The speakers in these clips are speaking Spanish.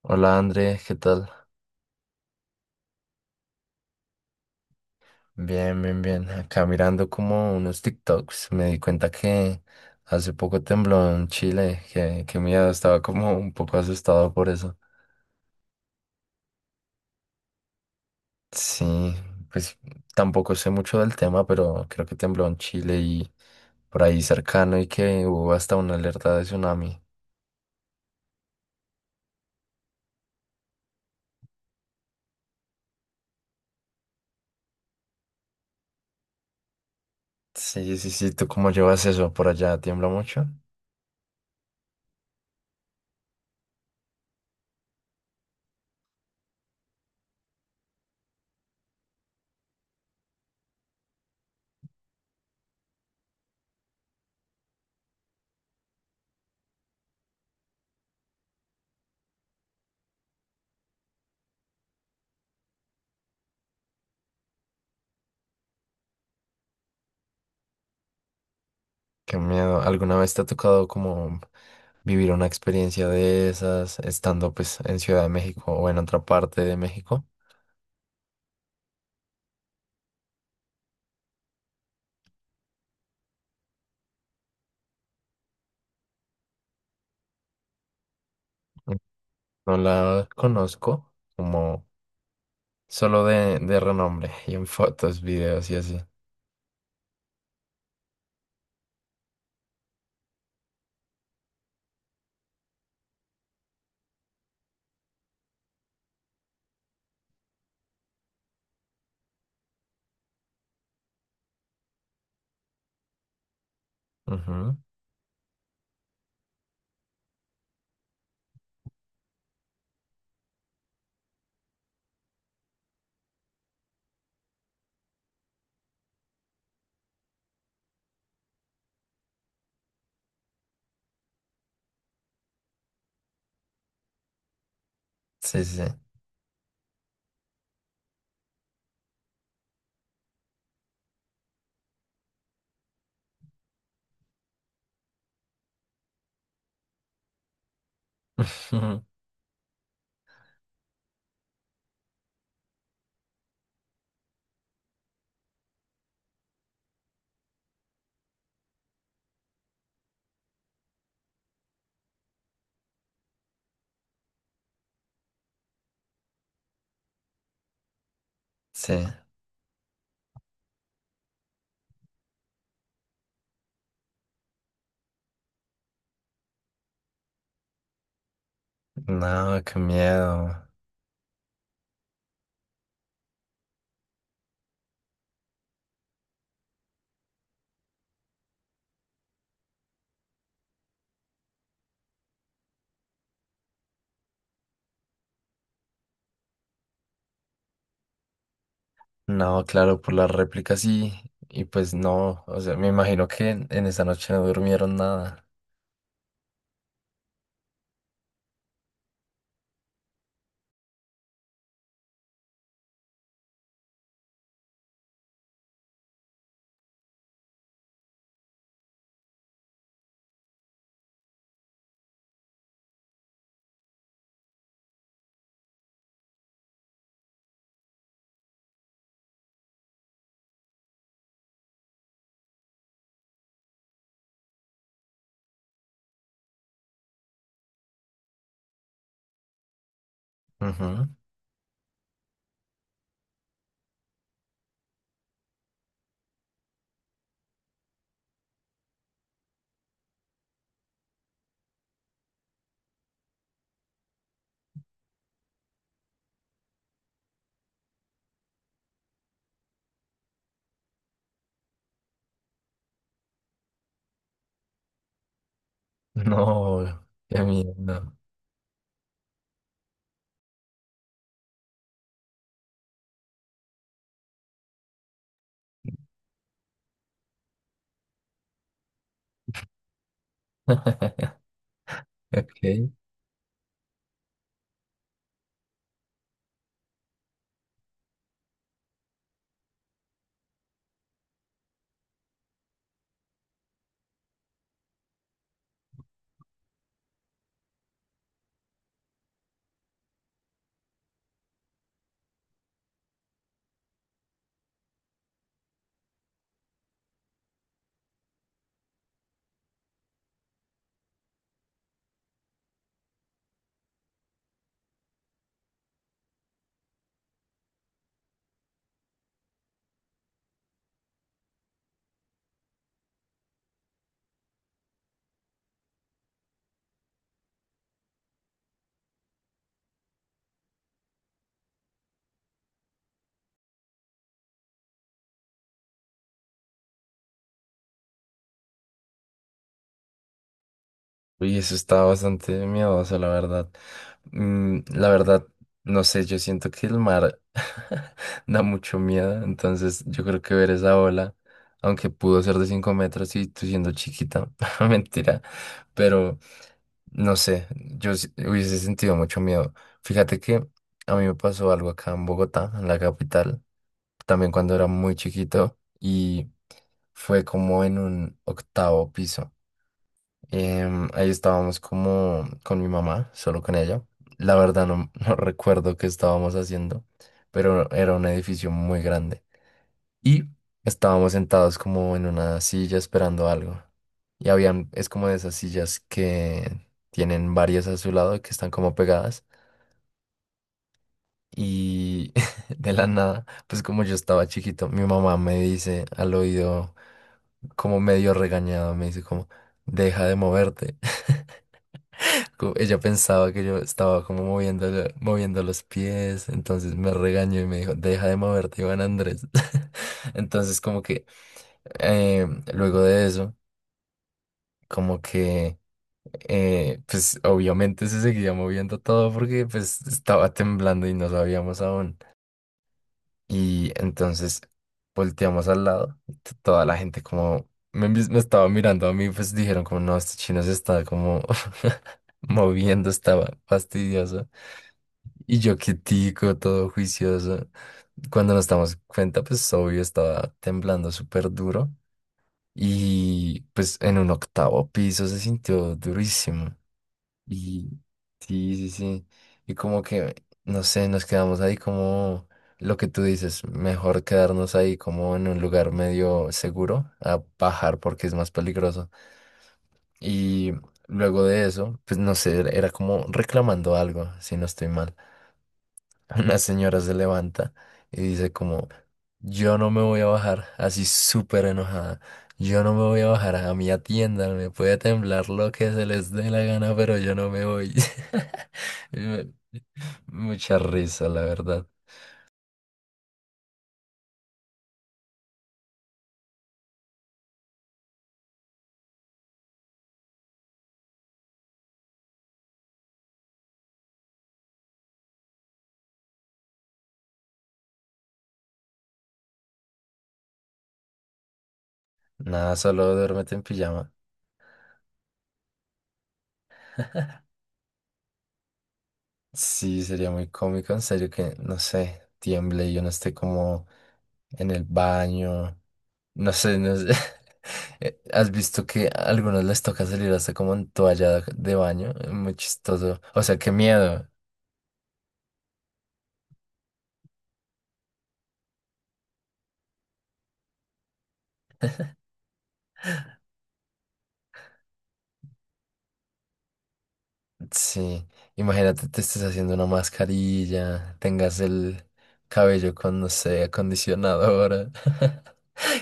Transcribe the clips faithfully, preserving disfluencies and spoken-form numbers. Hola André, ¿qué tal? Bien, bien, bien. Acá mirando como unos TikToks, me di cuenta que hace poco tembló en Chile, que, que miedo, estaba como un poco asustado por eso. Sí, pues tampoco sé mucho del tema, pero creo que tembló en Chile y por ahí cercano y que hubo hasta una alerta de tsunami. Sí, sí, sí, ¿tú cómo llevas eso? ¿Por allá tiembla mucho? Qué miedo. ¿Alguna vez te ha tocado como vivir una experiencia de esas estando pues en Ciudad de México o en otra parte de México? No la conozco, como solo de, de renombre y en fotos, videos y así. Ujú. Sí, sí. Sí. No, qué miedo. No, claro, por las réplicas sí. Y pues no, o sea, me imagino que en en esa noche no durmieron nada. Ujú. No, qué miedo. Ok. Uy, eso está bastante miedoso, la verdad. Mm, la verdad, no sé, yo siento que el mar da mucho miedo, entonces yo creo que ver esa ola, aunque pudo ser de cinco metros y tú siendo chiquita, mentira, pero no sé, yo s- hubiese sentido mucho miedo. Fíjate que a mí me pasó algo acá en Bogotá, en la capital, también cuando era muy chiquito y fue como en un octavo piso. Em, ahí estábamos como con mi mamá, solo con ella. La verdad no, no recuerdo qué estábamos haciendo, pero era un edificio muy grande. Y estábamos sentados como en una silla esperando algo. Y habían, es como de esas sillas que tienen varias a su lado que están como pegadas. Y de la nada, pues como yo estaba chiquito, mi mamá me dice al oído, como medio regañado, me dice como, deja de moverte. co- Ella pensaba que yo estaba como moviendo, la- moviendo los pies, entonces me regañó y me dijo, deja de moverte, Iván Andrés. Entonces como que eh, luego de eso, como que eh, pues obviamente se seguía moviendo todo porque pues estaba temblando y no sabíamos aún. Y entonces volteamos al lado, y t- toda la gente como me, mis- me estaba mirando a mí, pues dijeron como no, este chino se está como moviendo, estaba fastidioso. Y yo quietico, todo juicioso. Cuando nos damos cuenta, pues obvio estaba temblando súper duro. Y pues en un octavo piso se sintió durísimo. Y sí, sí, sí. Y como que, no sé, nos quedamos ahí como lo que tú dices, mejor quedarnos ahí como en un lugar medio seguro a bajar porque es más peligroso. Y luego de eso, pues no sé, era como reclamando algo, si no estoy mal. Una señora se levanta y dice como, yo no me voy a bajar, así súper enojada. Yo no me voy a bajar a mi tienda, me puede temblar lo que se les dé la gana, pero yo no me voy. Y me- Mucha risa, la verdad. Nada, solo duérmete en pijama. Sí, sería muy cómico, en serio, que, no sé, tiemble y yo no esté como en el baño. No sé, no sé. Eh, ¿Has visto que a algunos les toca salir hasta como en toalla de baño? Es muy chistoso. O sea, qué miedo. Sí. Imagínate, te estés haciendo una mascarilla, tengas el cabello con, no sé, acondicionador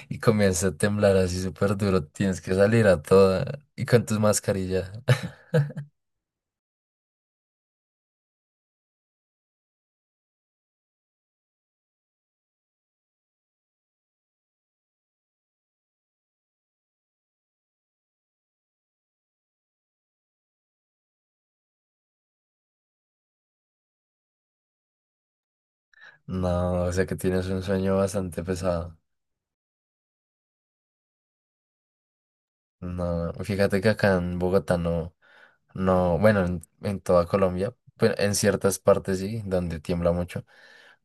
y comienza a temblar así súper duro. Tienes que salir a toda y con tus mascarillas. No, o sea que tienes un sueño bastante pesado. No, fíjate que acá en Bogotá no, no, bueno, en, en toda Colombia, pero en ciertas partes sí, donde tiembla mucho,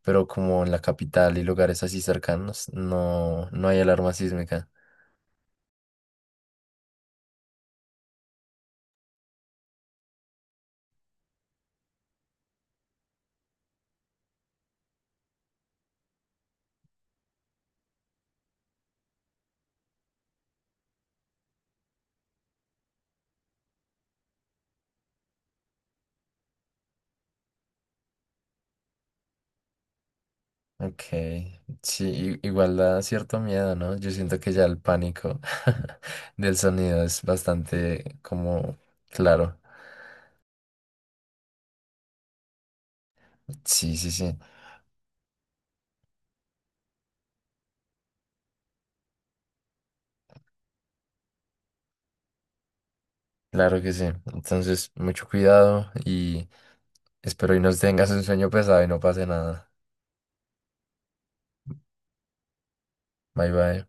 pero como en la capital y lugares así cercanos, no, no hay alarma sísmica. Ok, sí, i- igual da cierto miedo, ¿no? Yo siento que ya el pánico del sonido es bastante como claro. Sí, sí, sí, claro que sí. Entonces, mucho cuidado y espero y no tengas un sueño pesado y no pase nada. Bye bye.